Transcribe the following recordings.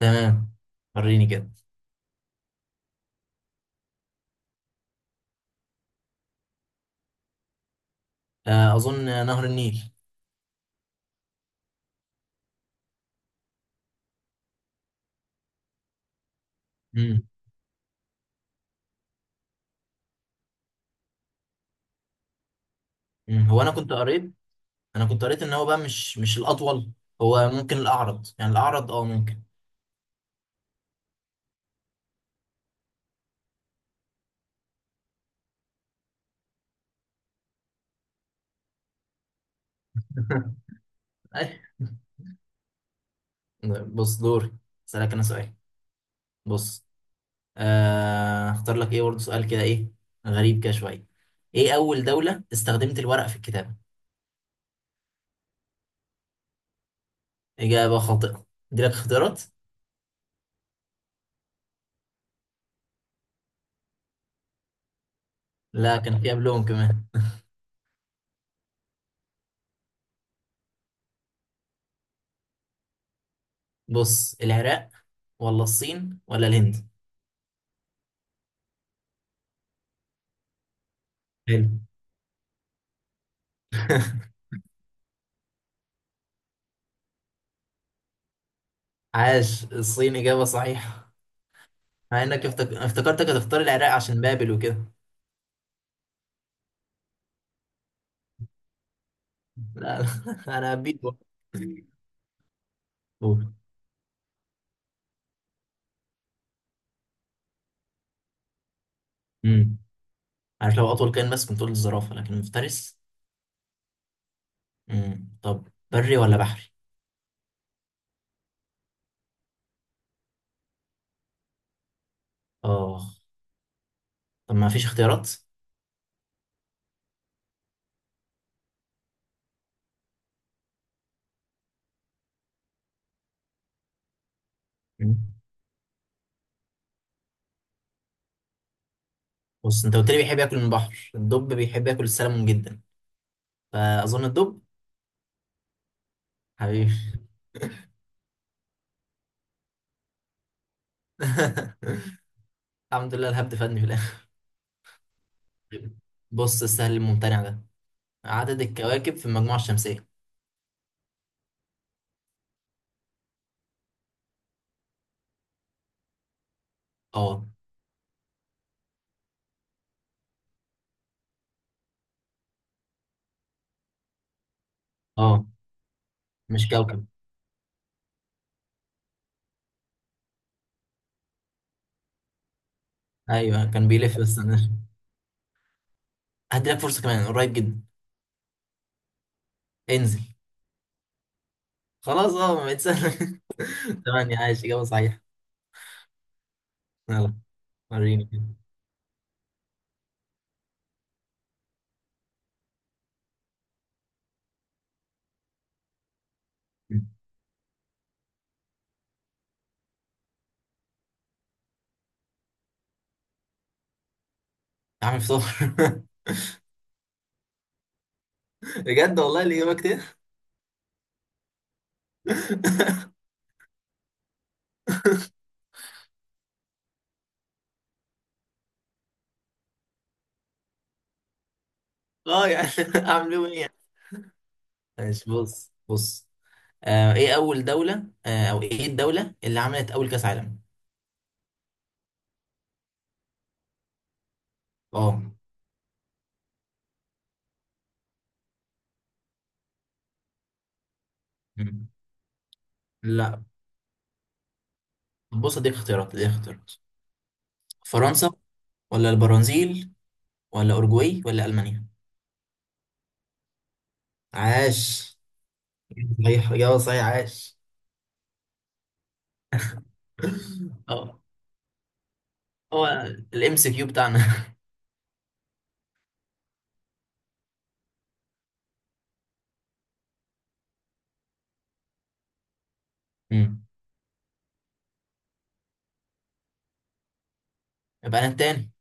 تمام. وريني كده. آه، اظن نهر النيل. مم. مم. هو انا كنت قريت ان هو بقى مش الاطول. هو ممكن الاعرض، يعني الاعرض، ممكن. أي. بص دوري، اسالك انا سؤال. بص، اختار لك ايه برضه سؤال كده، ايه غريب كده شويه. ايه اول دوله استخدمت الورق في الكتابه؟ اجابه خاطئه، دي لك اختيارات. لا كان في قبلهم كمان. بص، العراق ولا الصين ولا الهند؟ حلو. عاش، الصين إجابة صحيحة. مع إنك افتكرتك هتختار العراق عشان بابل وكده. لا لا، أنا هبيت بقى. قول. امم عارف، لو أطول كائن بس كنت قلت الزرافة، لكن مفترس. طب بري ولا بحري؟ آه طب ما فيش اختيارات؟ مم. بص، أنت قلت لي بيحب ياكل من البحر، الدب بيحب ياكل السلمون جدا، فأظن الدب. حبيبي. الحمد لله الهبد فادني في الآخر. بص السهل الممتنع ده، عدد الكواكب في المجموعة الشمسية. اه. اه، مش كوكب. ايوه كان بيلف، بس انا هدي لك فرصه كمان، قريب جدا. انزل. خلاص، ما بقت سهله. تمام عايش، اجابه صحيحه. يلا وريني كده. عامل فطار. بجد والله الاجابه كده. اه يعني. اعمل بيهم ايه يعني؟ ماشي بص بص. آه ايه اول دوله آه او ايه الدوله اللي عملت اول كاس عالم؟ اه. مم. لا. بص اديك اختيارات اديك اختيارات. فرنسا ولا البرازيل ولا اورجواي ولا المانيا؟ عاش. صحيح، إجابة صحيحة، عاش. اه. هو الام سي كيو بتاعنا. مم. يبقى انا التاني.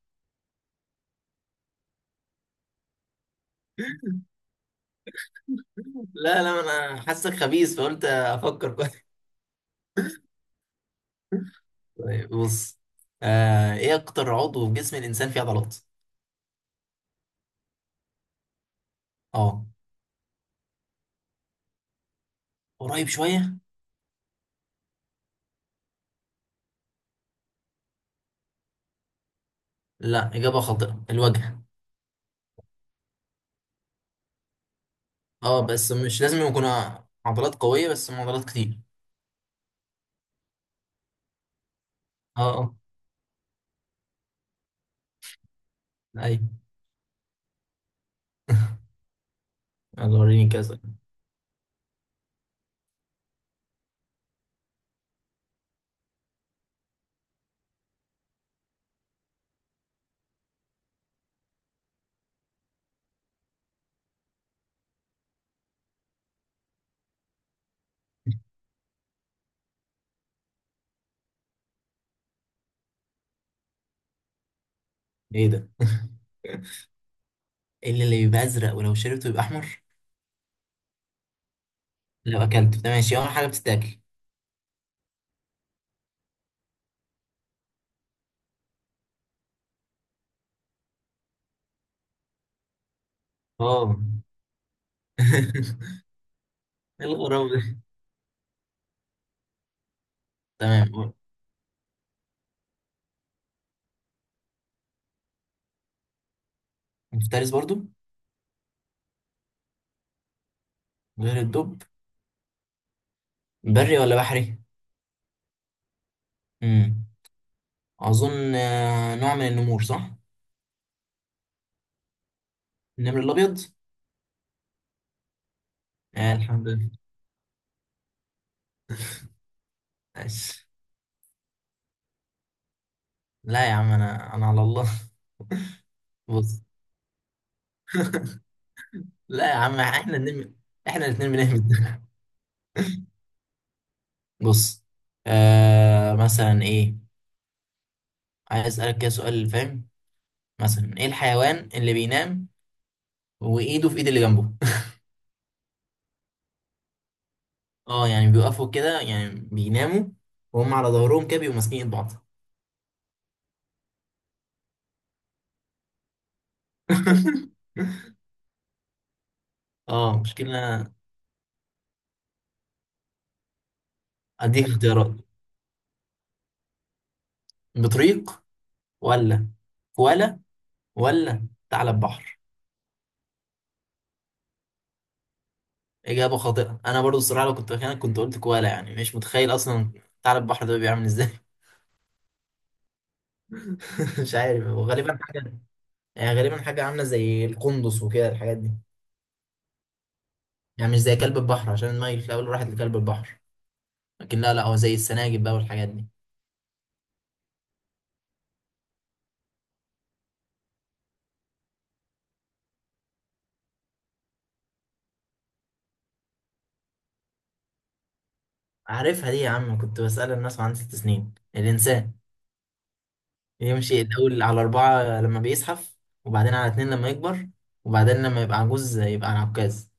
لا لا، انا حاسك خبيث فقلت افكر كويس. طيب بص، ايه اكتر عضو في جسم الانسان فيه عضلات؟ اه. قريب شويه. لا، اجابه خاطئه، الوجه. اه بس مش لازم يكون عضلات قويه، بس هم عضلات كتير. اه اه. ايوه. يلا وريني كذا. ايه ده؟ إيه اللي بيبقى ازرق ولو شربته يبقى احمر؟ لو اكلت ماشي، اول حاجه بتتاكل. اه. إيه الغراب ده؟ تمام. مفترس برضو. غير الدب. بري ولا بحري. امم اظن نوع من النمور صح. النمر الابيض. آه الحمد لله. ماشي. لا يا عم، انا على الله. بص. لا يا عم احنا النمر، احنا الاثنين بنهبد. بص، مثلا ايه، عايز اسالك كده سؤال فاهم، مثلا ايه الحيوان اللي بينام وايده في ايد اللي جنبه؟ اه يعني بيوقفوا كده، يعني بيناموا وهم على ظهرهم كده، بيبقوا ماسكين ايد بعض. اه مشكلة. اديك اختيارات، بطريق ولا كوالا ولا ثعلب بحر؟ اجابة خاطئة، انا برضو الصراحة لو كنت مكانك كنت قلت كوالا، يعني مش متخيل اصلا. ثعلب بحر ده بيعمل ازاي؟ مش عارف، هو غالبا حاجة، يعني غالبا حاجة عاملة زي القندس وكده الحاجات دي، يعني مش زي كلب البحر عشان المايل في الاول راحت لكلب البحر، لكن لا لا، هو زي السناجب بقى والحاجات دي. عارفها دي يا عم، كنت بسأل الناس وعندي 6 سنين، الإنسان يمشي الأول على أربعة لما بيزحف، وبعدين على اتنين لما يكبر، وبعدين لما يبقى عجوز يبقى على عكاز.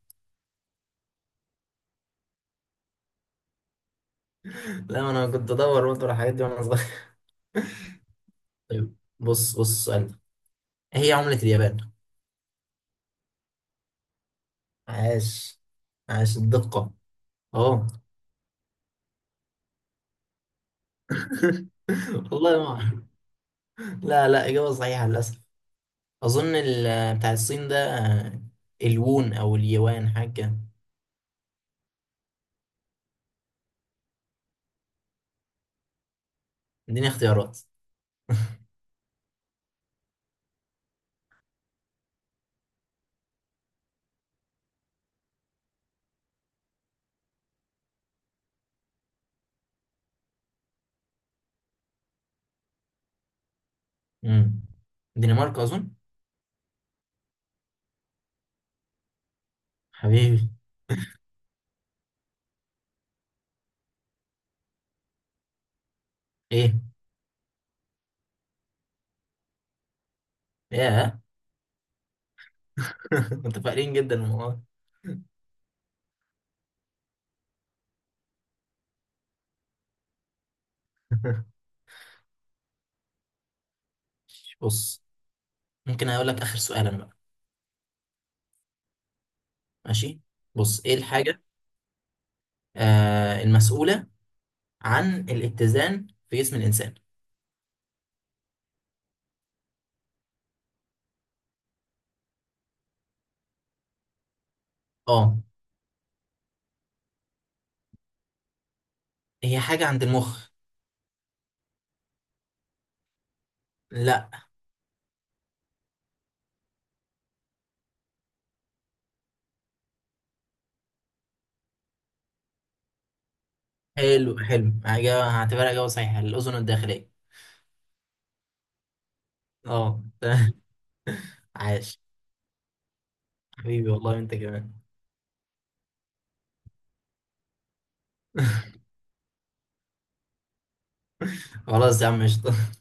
لا ما أنا كنت أدور برضه على الحاجات دي وأنا صغير. طيب بص بص السؤال ده، إيه هي عملة اليابان؟ عاش، عاش الدقة. أه. والله ما أعرف. لا لا، إجابة صحيحة للأسف. أظن بتاع الصين ده، الوون أو اليوان حاجة كده. اديني اختيارات. امم دنمارك أظن. حبيبي. ايه. ياه. متفائلين جدا من والله. بص ممكن اقول لك اخر سؤال انا بقى. ماشي. بص، ايه الحاجه المسؤوله عن الاتزان في جسم الانسان؟ اه. هي حاجه عند المخ. لا. حلو حلو، اجابه هعتبرها اجابه صحيحه، الاذن الداخليه. اه. عاش. حبيبي والله انت كمان. خلاص يا عم قشطة.